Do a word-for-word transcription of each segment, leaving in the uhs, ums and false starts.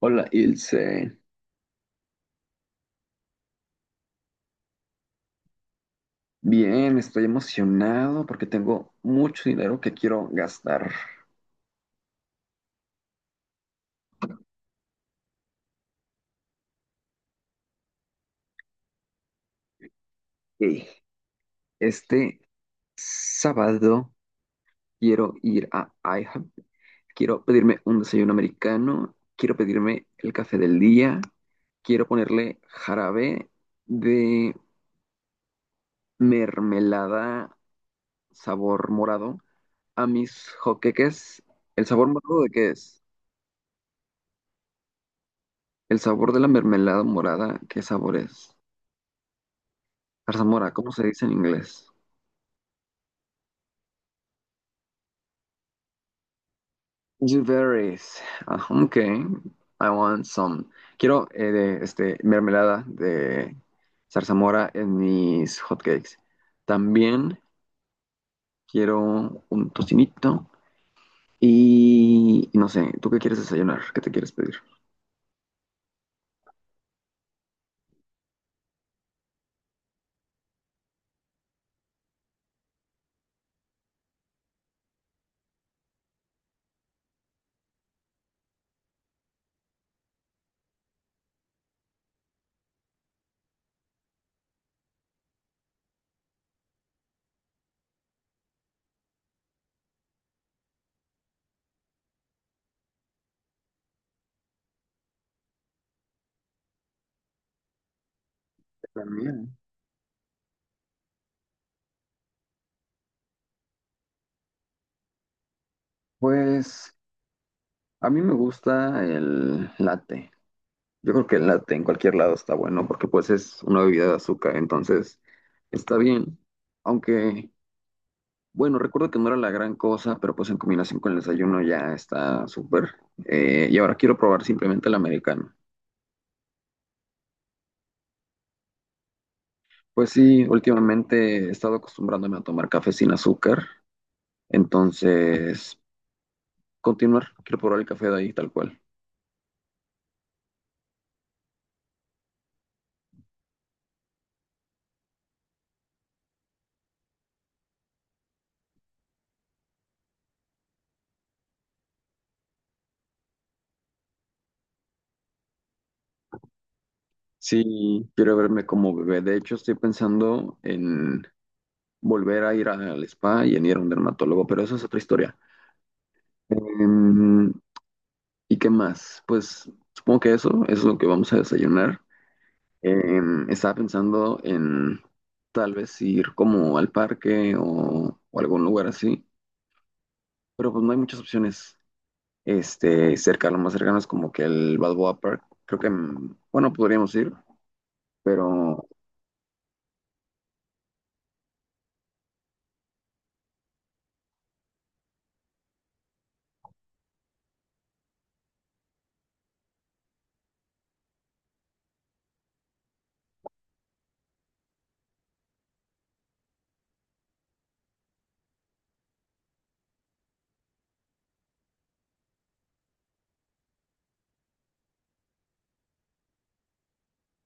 Hola, Ilse. Bien, estoy emocionado porque tengo mucho dinero que quiero gastar. Ey, este sábado quiero ir a IHOP, quiero pedirme un desayuno americano, quiero pedirme el café del día, quiero ponerle jarabe de mermelada sabor morado a mis joqueques. ¿El sabor morado de qué es? ¿El sabor de la mermelada morada? ¿Qué sabor es? Zarzamora, ¿cómo se dice en inglés? Blueberries. Ah, ok. I want some. Quiero eh, de, este, mermelada de zarzamora en mis hotcakes. También quiero un tocinito y y no sé, ¿tú qué quieres desayunar? ¿Qué te quieres pedir? También. Pues a mí me gusta el latte. Yo creo que el latte en cualquier lado está bueno porque pues es una bebida de azúcar, entonces está bien. Aunque Bueno, recuerdo que no era la gran cosa, pero pues en combinación con el desayuno ya está súper. Eh, y ahora quiero probar simplemente el americano. Pues sí, últimamente he estado acostumbrándome a tomar café sin azúcar, entonces continuar, quiero probar el café de ahí tal cual. Sí, quiero verme como bebé. De hecho, estoy pensando en volver a ir al spa y en ir a un dermatólogo, pero eso es otra historia. Em, ¿Y qué más? Pues supongo que eso, eso es lo que vamos a desayunar. Eh, Em, estaba pensando en tal vez ir como al parque o, o algún lugar así, pero pues no hay muchas opciones. Este, cerca, lo más cercano es como que el Balboa Park. Creo que, mm, bueno, podríamos ir, pero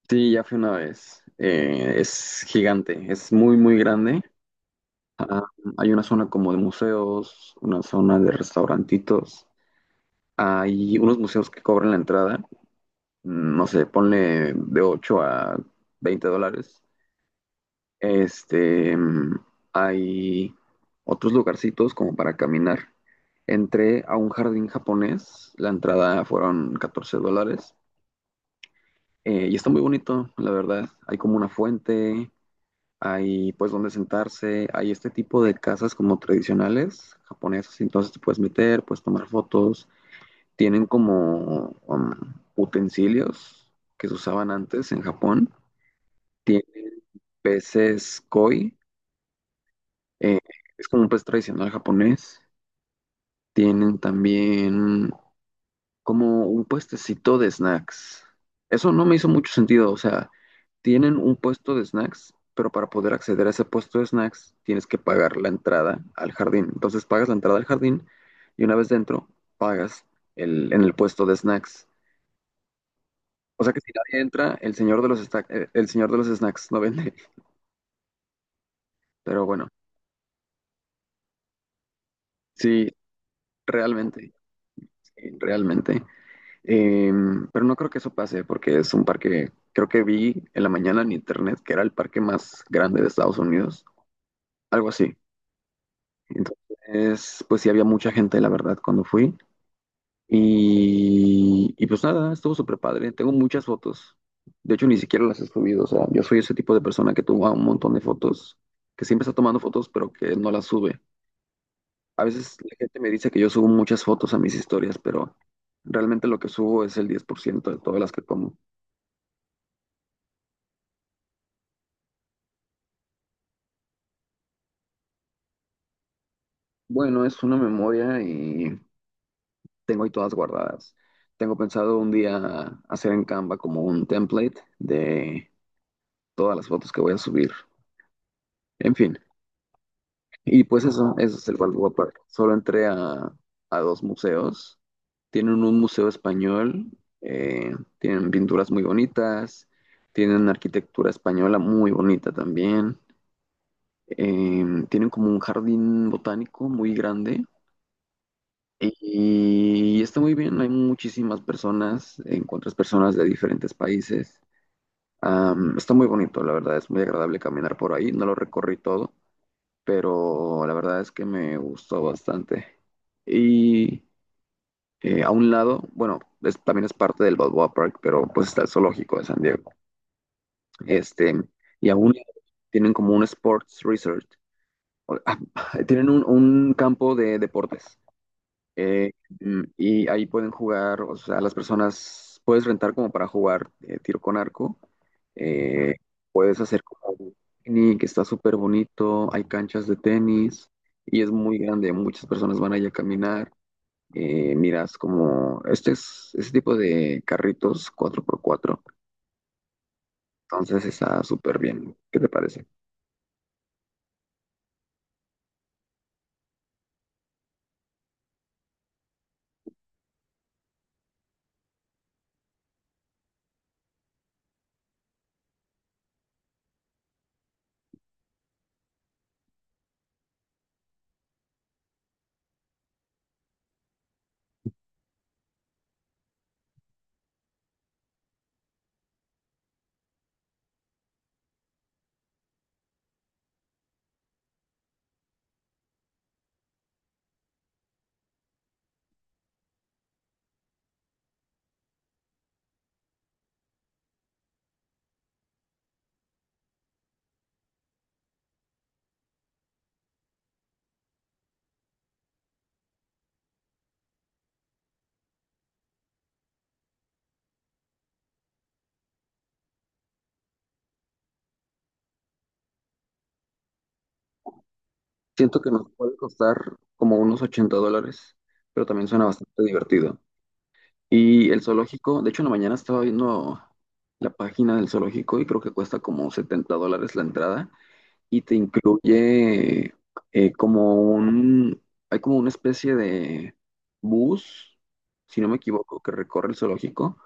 sí, ya fui una vez. Eh, es gigante, es muy, muy grande. Ah, hay una zona como de museos, una zona de restaurantitos. Hay unos museos que cobran la entrada, mm, no sé, ponle de ocho a veinte dólares. Este, mm, Hay otros lugarcitos como para caminar. Entré a un jardín japonés, la entrada fueron catorce dólares eh, y está muy bonito, la verdad. Hay como una fuente, hay pues donde sentarse, hay este tipo de casas como tradicionales japonesas, entonces te puedes meter, puedes tomar fotos. Tienen como um, utensilios que se usaban antes en Japón. Tienen peces koi. Eh, es como un puesto tradicional japonés. Tienen también como un puestecito de snacks. Eso no me hizo mucho sentido. O sea, tienen un puesto de snacks, pero para poder acceder a ese puesto de snacks tienes que pagar la entrada al jardín. Entonces pagas la entrada al jardín y una vez dentro pagas el, en el puesto de snacks. O sea que si nadie entra, el señor de los, esta- eh, el señor de los snacks no vende. Pero bueno, sí, realmente, sí, realmente. Eh, pero no creo que eso pase porque es un parque, creo que vi en la mañana en internet que era el parque más grande de Estados Unidos, algo así. Entonces, pues sí había mucha gente, la verdad, cuando fui. Y, y pues nada, estuvo súper padre. Tengo muchas fotos. De hecho, ni siquiera las he subido. O sea, yo soy ese tipo de persona que toma un montón de fotos, que siempre está tomando fotos, pero que no las sube. A veces la gente me dice que yo subo muchas fotos a mis historias, pero realmente lo que subo es el diez por ciento de todas las que tomo. Bueno, es una memoria y tengo ahí todas guardadas. Tengo pensado un día hacer en Canva como un template de todas las fotos que voy a subir. En fin, y pues eso, eso es el wallpaper. Solo entré a, a dos museos. Tienen un museo español, eh, tienen pinturas muy bonitas, tienen arquitectura española muy bonita también. Eh, tienen como un jardín botánico muy grande. Y está muy bien, hay muchísimas personas, encuentras personas de diferentes países. Am, está muy bonito, la verdad, es muy agradable caminar por ahí. No lo recorrí todo, pero la verdad es que me gustó bastante. Y eh, a un lado, bueno, es- también es parte del Balboa Park, pero pues está el zoológico de San Diego. Este, y a un lado tienen como un sports resort, o- tienen un, un campo de deportes. Eh, mm, y ahí pueden jugar, o sea, las personas puedes rentar como para jugar eh, tiro con arco. eh, Puedes hacer como un picnic, está súper bonito, hay canchas de tenis y es muy grande, muchas personas van allá a caminar. Eh, miras como este es este tipo de carritos cuatro por cuatro, entonces está súper bien. ¿Qué te parece? Siento que nos puede costar como unos ochenta dólares, pero también suena bastante divertido. Y el zoológico, de hecho, en la mañana estaba viendo la página del zoológico y creo que cuesta como setenta dólares la entrada y te incluye eh, como un, hay como una especie de bus, si no me equivoco, que recorre el zoológico.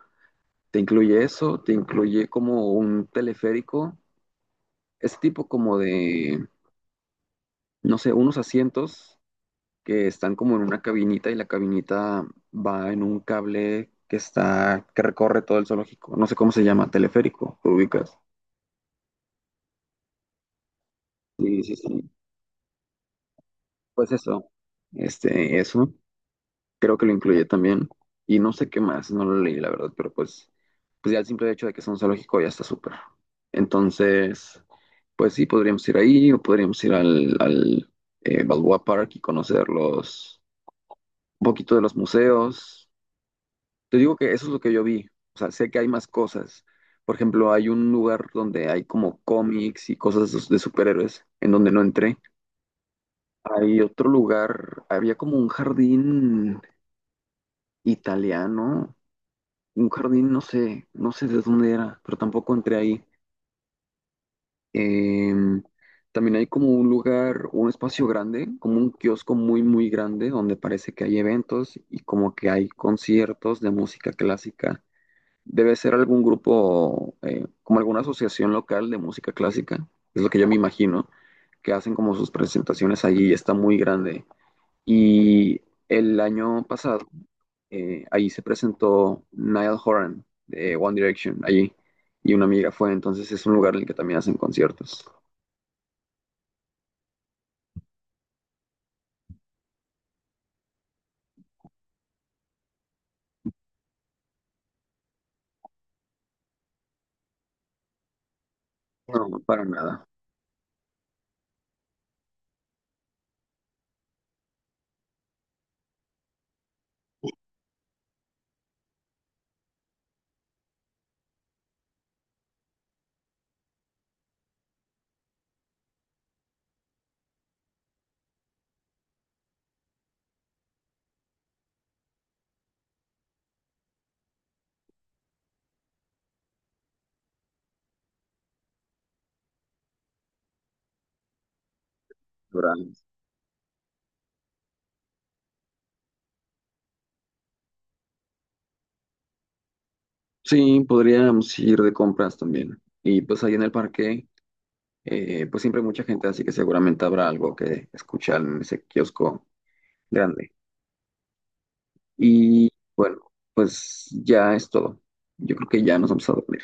Te incluye eso, te incluye como un teleférico, ese tipo como de, no sé, unos asientos que están como en una cabinita y la cabinita va en un cable que está, que recorre todo el zoológico. No sé cómo se llama, teleférico, ¿te ubicas? Sí, sí, sí. Pues eso, este, eso, creo que lo incluye también. Y no sé qué más, no lo leí, la verdad, pero pues, pues ya el simple hecho de que sea un zoológico ya está súper. Entonces, pues sí, podríamos ir ahí o podríamos ir al, al eh, Balboa Park y conocer los, un poquito de los museos. Te digo que eso es lo que yo vi. O sea, sé que hay más cosas. Por ejemplo, hay un lugar donde hay como cómics y cosas de de superhéroes, en donde no entré. Hay otro lugar, había como un jardín italiano, un jardín, no sé, no sé de dónde era, pero tampoco entré ahí. Em, También hay como un lugar, un espacio grande, como un kiosco muy, muy grande, donde parece que hay eventos y como que hay conciertos de música clásica. Debe ser algún grupo, eh, como alguna asociación local de música clásica, es lo que yo me imagino, que hacen como sus presentaciones allí y está muy grande. Y el año pasado, eh, ahí se presentó Niall Horan de One Direction, allí, y una amiga fue, entonces es un lugar en el que también hacen conciertos. No, para nada. Ahora, sí, podríamos ir de compras también. Y pues ahí en el parque, eh, pues siempre hay mucha gente, así que seguramente habrá algo que escuchar en ese kiosco grande. Y bueno, pues ya es todo. Yo creo que ya nos vamos a dormir.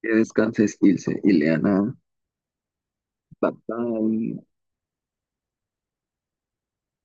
Que descanses, Ilse. Y Leana, bye bye.